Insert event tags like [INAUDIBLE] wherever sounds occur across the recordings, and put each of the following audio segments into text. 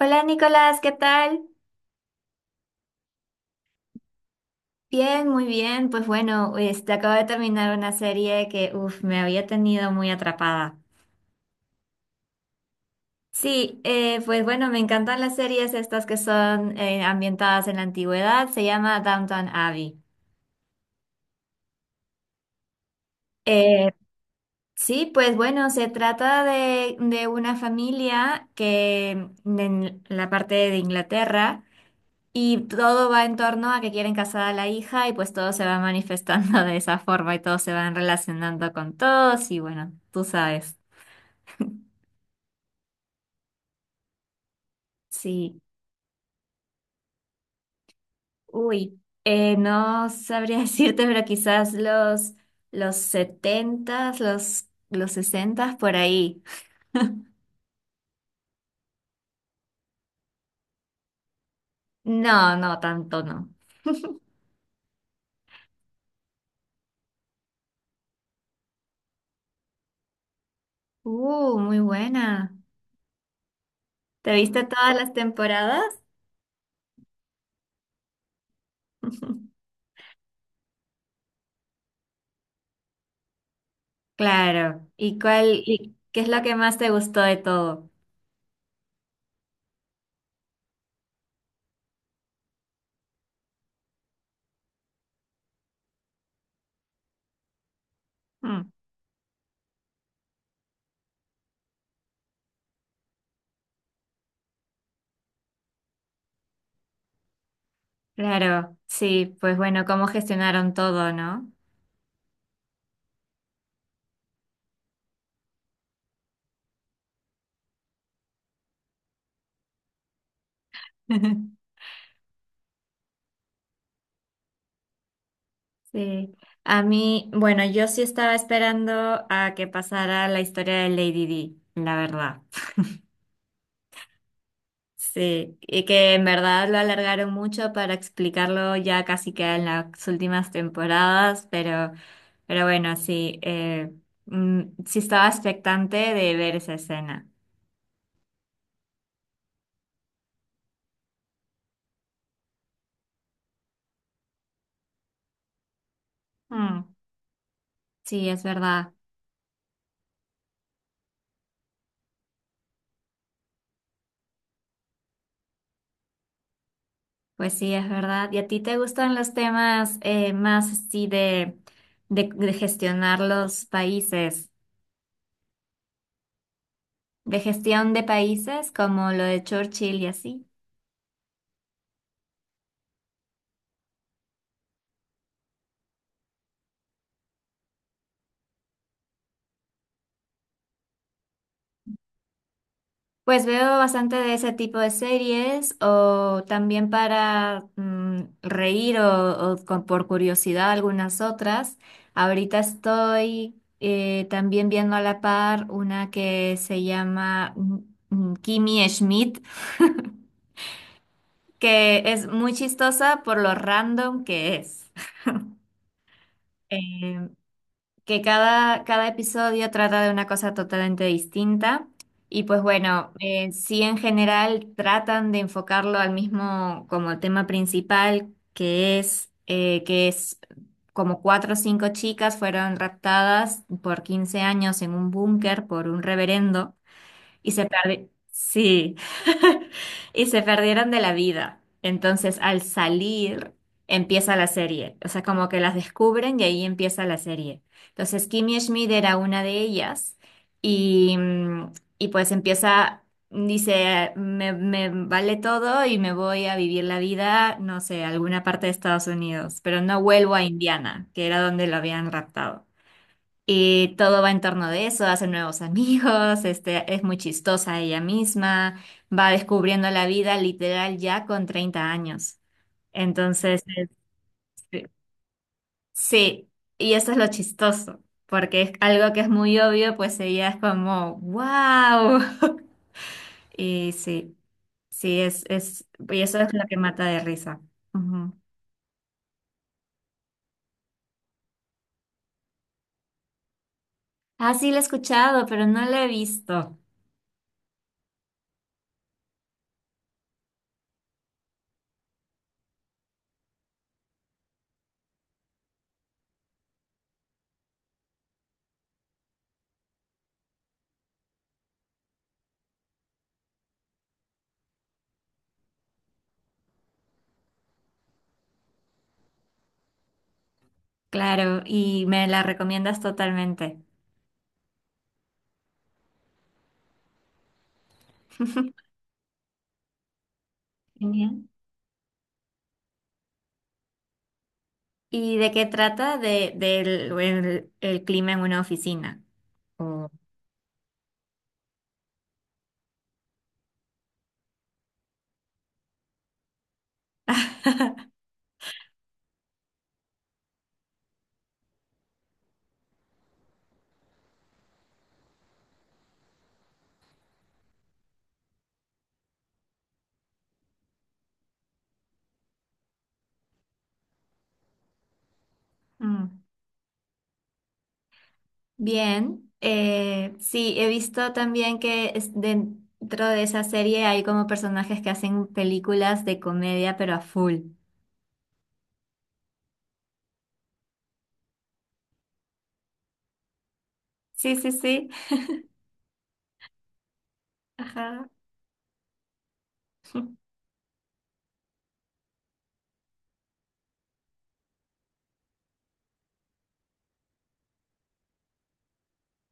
Hola Nicolás, ¿qué tal? Bien, muy bien. Pues bueno, acabo de terminar una serie que, me había tenido muy atrapada. Sí, pues bueno, me encantan las series estas que son ambientadas en la antigüedad. Se llama Downton Abbey. Eh, sí, pues bueno, se trata de una familia que en la parte de Inglaterra. Y todo va en torno a que quieren casar a la hija y pues todo se va manifestando [LAUGHS] de esa forma y todos se van relacionando con todos y bueno, tú sabes. Sí, no sabría [LAUGHS] decirte, pero quizás los setentas, los sesentas por ahí. No, no, tanto no. Muy buena. ¿Te viste todas las temporadas? [LAUGHS] Claro. ¿Y qué es lo que más te gustó de todo? Hmm. Claro, sí, pues bueno, cómo gestionaron todo, ¿no? [LAUGHS] Sí. A mí, bueno, yo sí estaba esperando a que pasara la historia de Lady Di, la verdad. [LAUGHS] Sí, y que en verdad lo alargaron mucho para explicarlo ya casi que en las últimas temporadas, pero bueno, sí, sí estaba expectante de ver esa escena. Mm, sí, es verdad. Pues sí, es verdad. ¿Y a ti te gustan los temas más así de gestionar los países, de gestión de países como lo de Churchill y así? Pues veo bastante de ese tipo de series o también para reír o por curiosidad algunas otras. Ahorita estoy también viendo a la par una que se llama Kimi Schmidt, que es muy chistosa por lo random que es. Eh, que cada episodio trata de una cosa totalmente distinta. Y pues bueno, sí en general tratan de enfocarlo al mismo como tema principal, que es como cuatro o cinco chicas fueron raptadas por 15 años en un búnker por un reverendo y sí. [LAUGHS] Y se perdieron de la vida. Entonces, al salir, empieza la serie. O sea, como que las descubren y ahí empieza la serie. Entonces, Kimmy Schmidt era una de ellas y, mm, y pues empieza, dice, me vale todo y me voy a vivir la vida, no sé, a alguna parte de Estados Unidos, pero no vuelvo a Indiana, que era donde lo habían raptado. Y todo va en torno de eso, hace nuevos amigos, es muy chistosa ella misma, va descubriendo la vida literal ya con 30 años. Entonces, este, sí, y eso es lo chistoso, porque es algo que es muy obvio, pues ella es como, wow. [LAUGHS] Y sí, sí, y eso es lo que mata de risa. Ujú. Ah, sí, la he escuchado, pero no la he visto. Claro, y me la recomiendas totalmente. Genial. ¿Y de qué trata? De, del el clima en una oficina. o- [LAUGHS] Mm. Bien, sí, he visto también dentro de esa serie hay como personajes que hacen películas de comedia, pero a full. Sí, sí, sí. Ajá. [LAUGHS]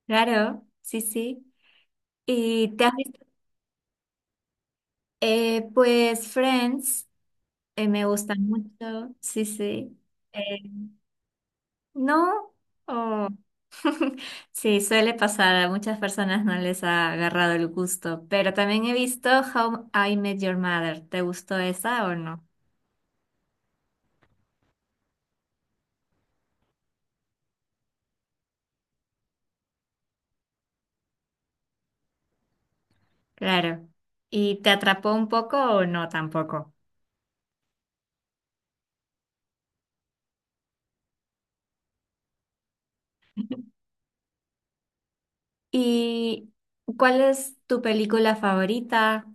Claro, sí, sí. ¿Y te has visto? Pues Friends, me gusta mucho, sí, sí. Eh, ¿No? Oh. [LAUGHS] Sí, suele pasar, a muchas personas no les ha agarrado el gusto, pero también he visto How I Met Your Mother. ¿Te gustó esa o no? Claro. ¿Y te atrapó un poco o no tampoco? ¿Y cuál es tu película favorita?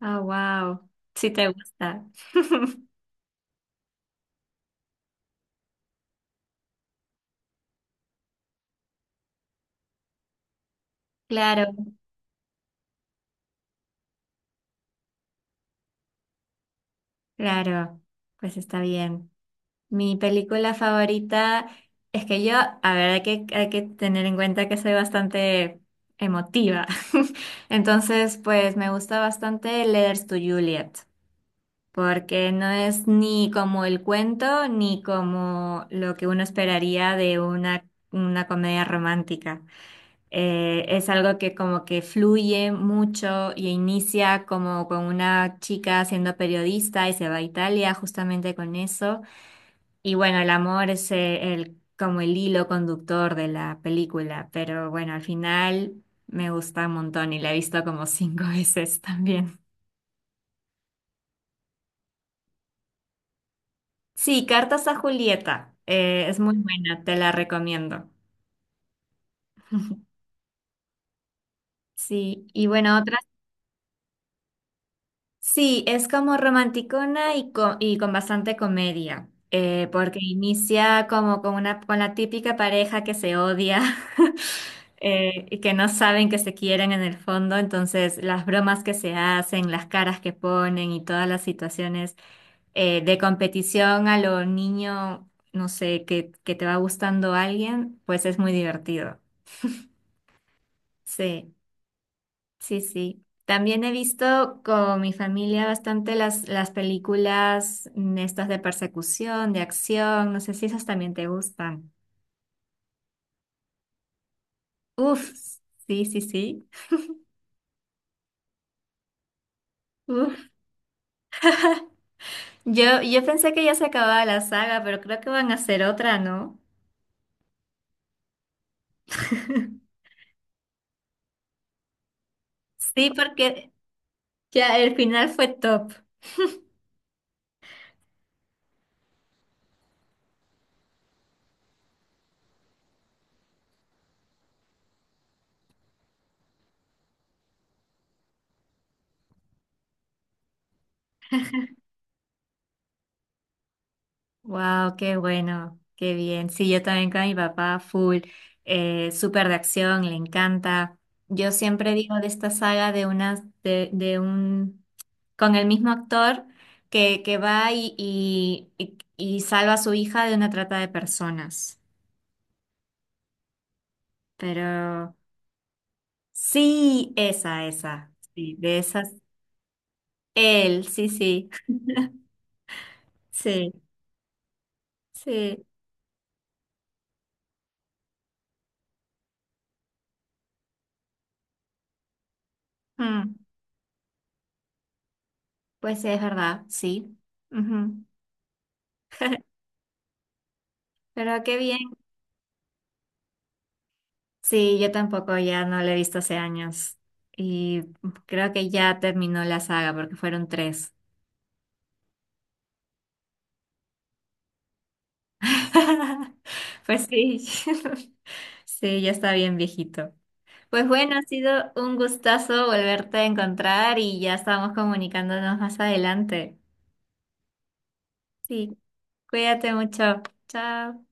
Ah, wow. Sí te gusta. [LAUGHS] Claro, claro. Pues está bien. Mi película favorita es que yo, a ver, hay que tener en cuenta que soy bastante emotiva. [LAUGHS] Entonces, pues me gusta bastante Letters to Juliet, porque no es ni como el cuento ni como lo que uno esperaría de una comedia romántica. Es algo que como que fluye mucho y inicia como con una chica siendo periodista y se va a Italia justamente con eso. Y bueno, el amor es como el hilo conductor de la película, pero bueno, al final me gusta un montón y la he visto como cinco [LAUGHS] veces también. Sí, Cartas a Julieta, es muy buena, te la recomiendo. Sí, y bueno, otra, sí, es como romanticona y con bastante comedia, porque inicia como con con la típica pareja que se odia. [LAUGHS] Y que no saben que se quieren en el fondo, entonces las bromas que se hacen, las caras que ponen y todas las situaciones de competición a lo niño, no sé, que te va gustando alguien, pues es muy divertido. Sí, sí, sí. También he visto con mi familia bastante las películas estas de persecución, de acción, no sé si esas también te gustan. Uf, sí, sí, sí. Yo pensé que ya se acababa la saga, pero creo que van a hacer otra, ¿no? [LAUGHS] Sí, porque ya el final fue top. Wow, qué bueno, qué bien. Sí, yo también con mi papá, full, súper de acción, le encanta. Yo siempre digo de esta saga de unas, con el mismo actor que va y salva a su hija de una trata de personas. Pero sí, esa, esa. Sí, de esa. Él, sí, sí, sí, sí. Mm, pues sí, es verdad, sí. Ujú. [LAUGHS] Pero qué bien. Sí, yo tampoco ya no la he visto hace años. Y creo que ya terminó la saga porque fueron tres. [LAUGHS] Pues sí, [LAUGHS] sí, ya está bien viejito. Pues bueno, ha sido un gustazo volverte a encontrar y ya estamos comunicándonos más adelante. Sí, cuídate mucho. Chao.